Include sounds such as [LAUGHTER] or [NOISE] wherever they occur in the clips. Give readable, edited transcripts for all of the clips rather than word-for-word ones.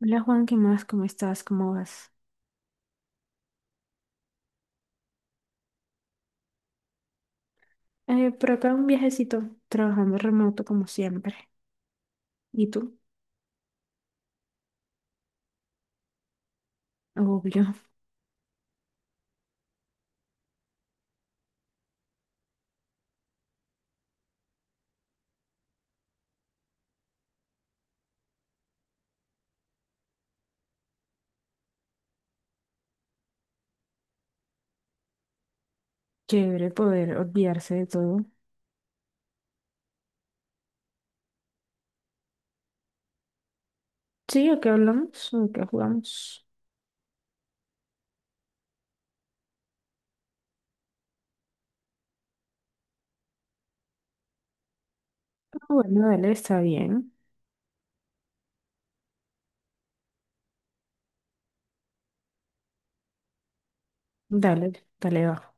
Hola Juan, ¿qué más? ¿Cómo estás? ¿Cómo vas? Por acá un viajecito, trabajando remoto como siempre. ¿Y tú? Obvio. [LAUGHS] Chévere poder olvidarse de todo. Sí, ¿a qué hablamos? ¿A qué jugamos? Ah, bueno, dale, está bien. Dale, dale, va.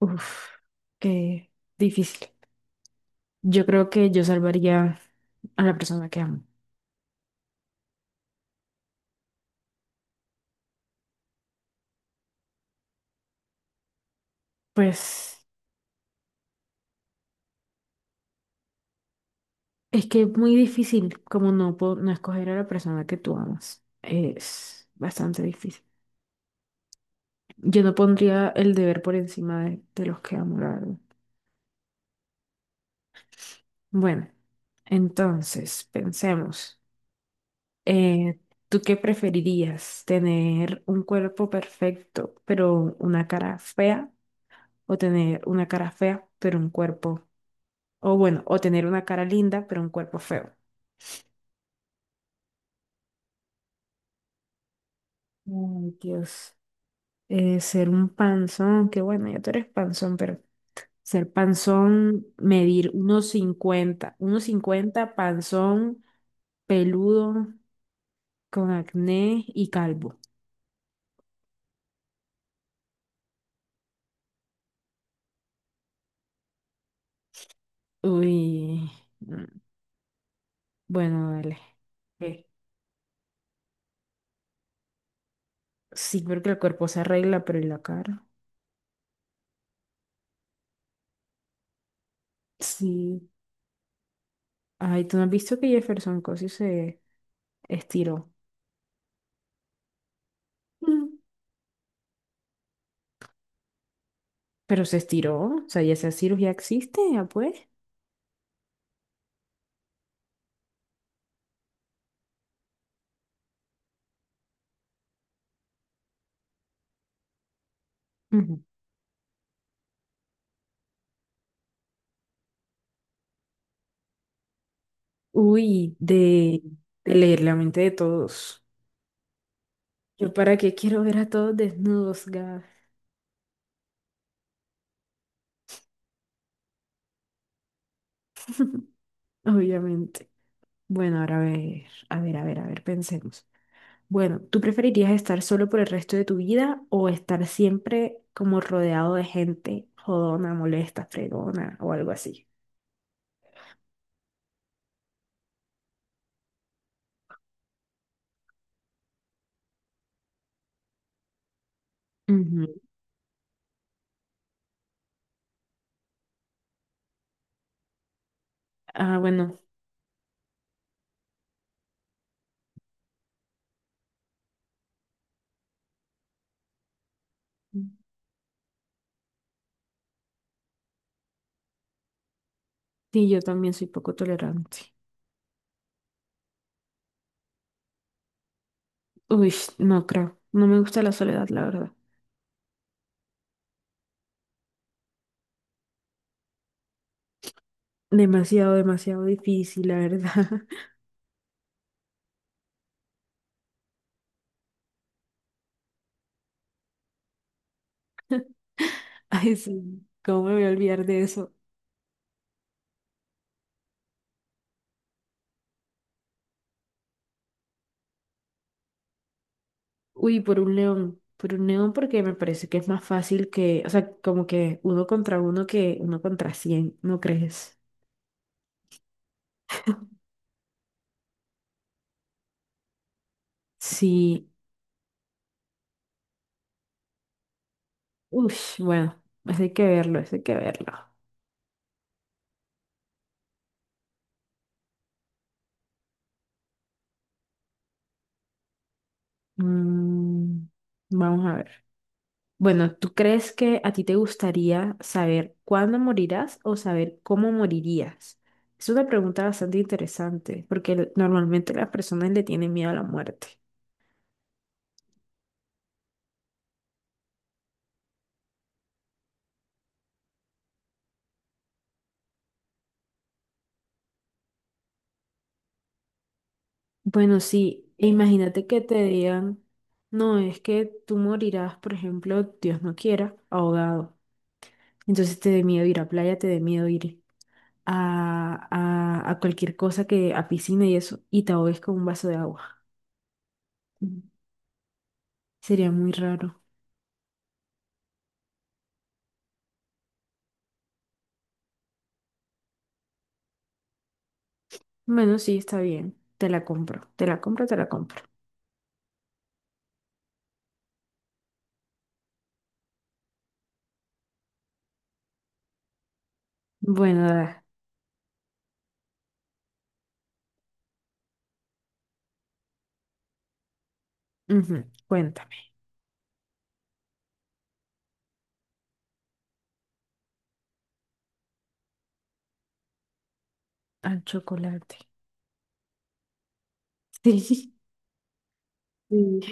Uf, qué difícil. Yo creo que yo salvaría a la persona que amo. Pues es que es muy difícil como no, no escoger a la persona que tú amas. Es bastante difícil. Yo no pondría el deber por encima de los que amo, la verdad. Bueno, entonces, pensemos. Eh, ¿Tú qué preferirías? ¿Tener un cuerpo perfecto, pero una cara fea? ¿O tener una cara fea, pero un cuerpo? O bueno, o tener una cara linda, pero un cuerpo feo? Ay, Dios. Ser un panzón, que bueno, ya tú eres panzón, pero ser panzón, medir unos cincuenta, panzón, peludo, con acné y calvo. Uy, mm, bueno, dale. Eh, sí, porque el cuerpo se arregla, pero ¿y la cara? Sí. Ay, ¿tú no has visto que Jefferson Cosio se estiró? Mm. Pero se estiró, o sea, ya esa cirugía existe, ya pues. Uy, de leer la mente de todos. ¿Yo para qué quiero ver a todos desnudos, Gab? Obviamente. Bueno, ahora a ver, a ver, a ver, a ver, pensemos. Bueno, ¿tú preferirías estar solo por el resto de tu vida o estar siempre como rodeado de gente jodona, molesta, fregona o algo así? Ujú. Ah, bueno, sí, yo también soy poco tolerante. Uy, no creo. No me gusta la soledad, la verdad. Demasiado, demasiado difícil, la verdad. [LAUGHS] [LAUGHS] Ay, sí, ¿cómo me voy a olvidar de eso? Uy, por un león porque me parece que es más fácil que, o sea, como que uno contra uno que uno contra cien, ¿no crees? Sí, uy, bueno, eso hay que verlo, eso hay que verlo. Mm, vamos a ver. Bueno, ¿tú crees que a ti te gustaría saber cuándo morirás o saber cómo morirías? Es una pregunta bastante interesante porque normalmente las personas le tienen miedo a la muerte. Bueno, sí, e imagínate que te digan, no, es que tú morirás, por ejemplo, Dios no quiera, ahogado. Entonces te dé miedo ir a playa, te dé miedo ir a, a cualquier cosa que, a piscina y eso, y te ahogues con un vaso de agua. Mm. Sería muy raro. Bueno, sí, está bien. Te la compro, te la compro, te la compro. Bueno, ujú, cuéntame. Al chocolate. [LAUGHS] Sí. Sí.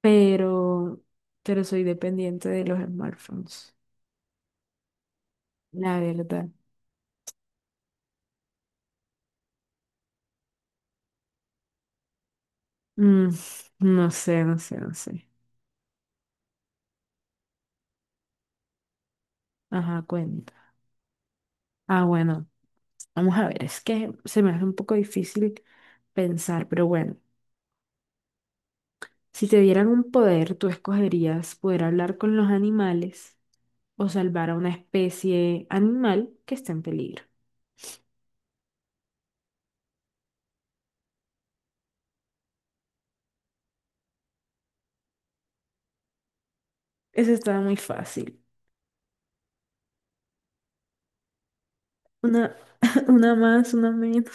Pero, pero soy dependiente de los smartphones. La verdad. Mm, no sé, no sé, no sé. Ajá, cuenta. Ah, bueno, vamos a ver, es que se me hace un poco difícil pensar, pero bueno, si te dieran un poder, ¿tú escogerías poder hablar con los animales o salvar a una especie animal que está en peligro? Eso estaba muy fácil. Una, [LAUGHS] una más, una menos.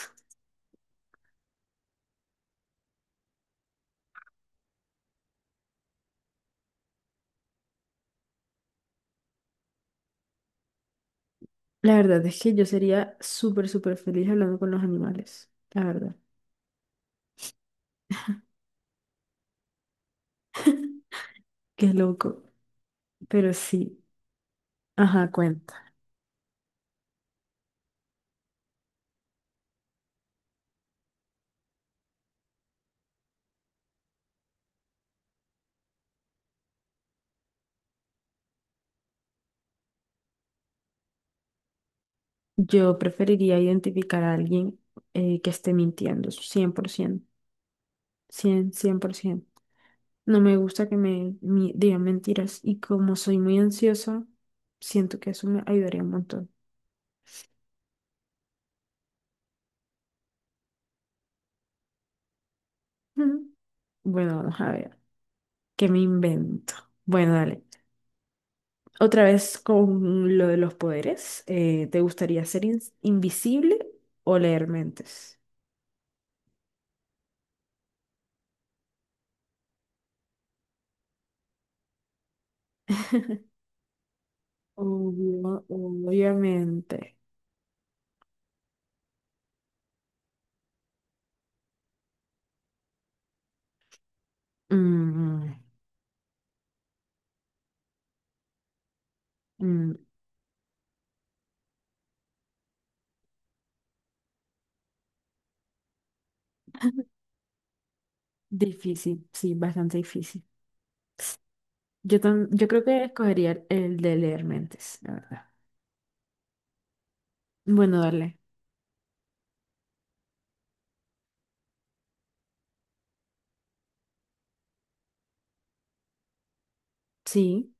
La verdad es que yo sería súper, súper feliz hablando con los animales. La verdad. [LAUGHS] Qué loco. Pero sí. Ajá, cuenta. Yo preferiría identificar a alguien que esté mintiendo, cien por ciento, cien por 100%. No me gusta que me digan mentiras y como soy muy ansiosa, siento que eso me ayudaría un montón. Ujú. Bueno, vamos a ver, ¿qué me invento? Bueno, dale. Otra vez con lo de los poderes, ¿te gustaría ser invisible o leer mentes? [LAUGHS] Obviamente. Mm, mm, Difícil, sí, bastante difícil. Yo creo que escogería el de leer mentes, la verdad. Bueno, darle. Sí.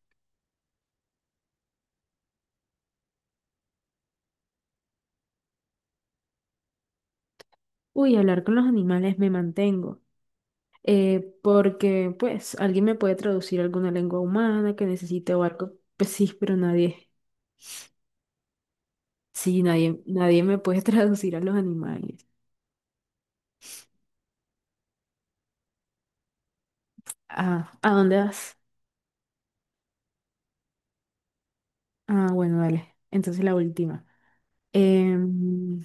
Uy, hablar con los animales me mantengo. Porque, pues, alguien me puede traducir alguna lengua humana que necesite o algo. Pues sí, pero nadie. Sí, nadie, nadie me puede [LAUGHS] traducir a los animales. Ah, ¿a dónde vas? Ah, bueno, dale. Entonces la última. Em,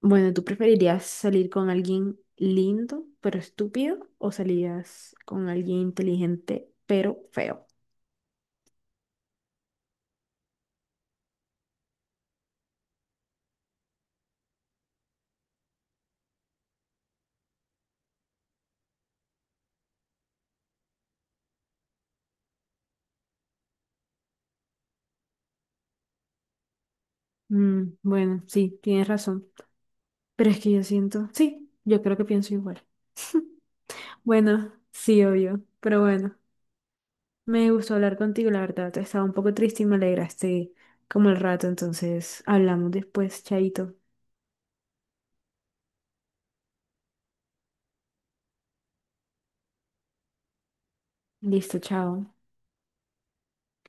Bueno, ¿tú preferirías salir con alguien lindo pero estúpido o salías con alguien inteligente pero feo? Bueno, sí, tienes razón. Pero es que yo siento, sí, yo creo que pienso igual. Bueno, sí, obvio, pero bueno, me gustó hablar contigo, la verdad. Estaba un poco triste y me alegraste como el rato, entonces hablamos después, chaito. Listo, chao.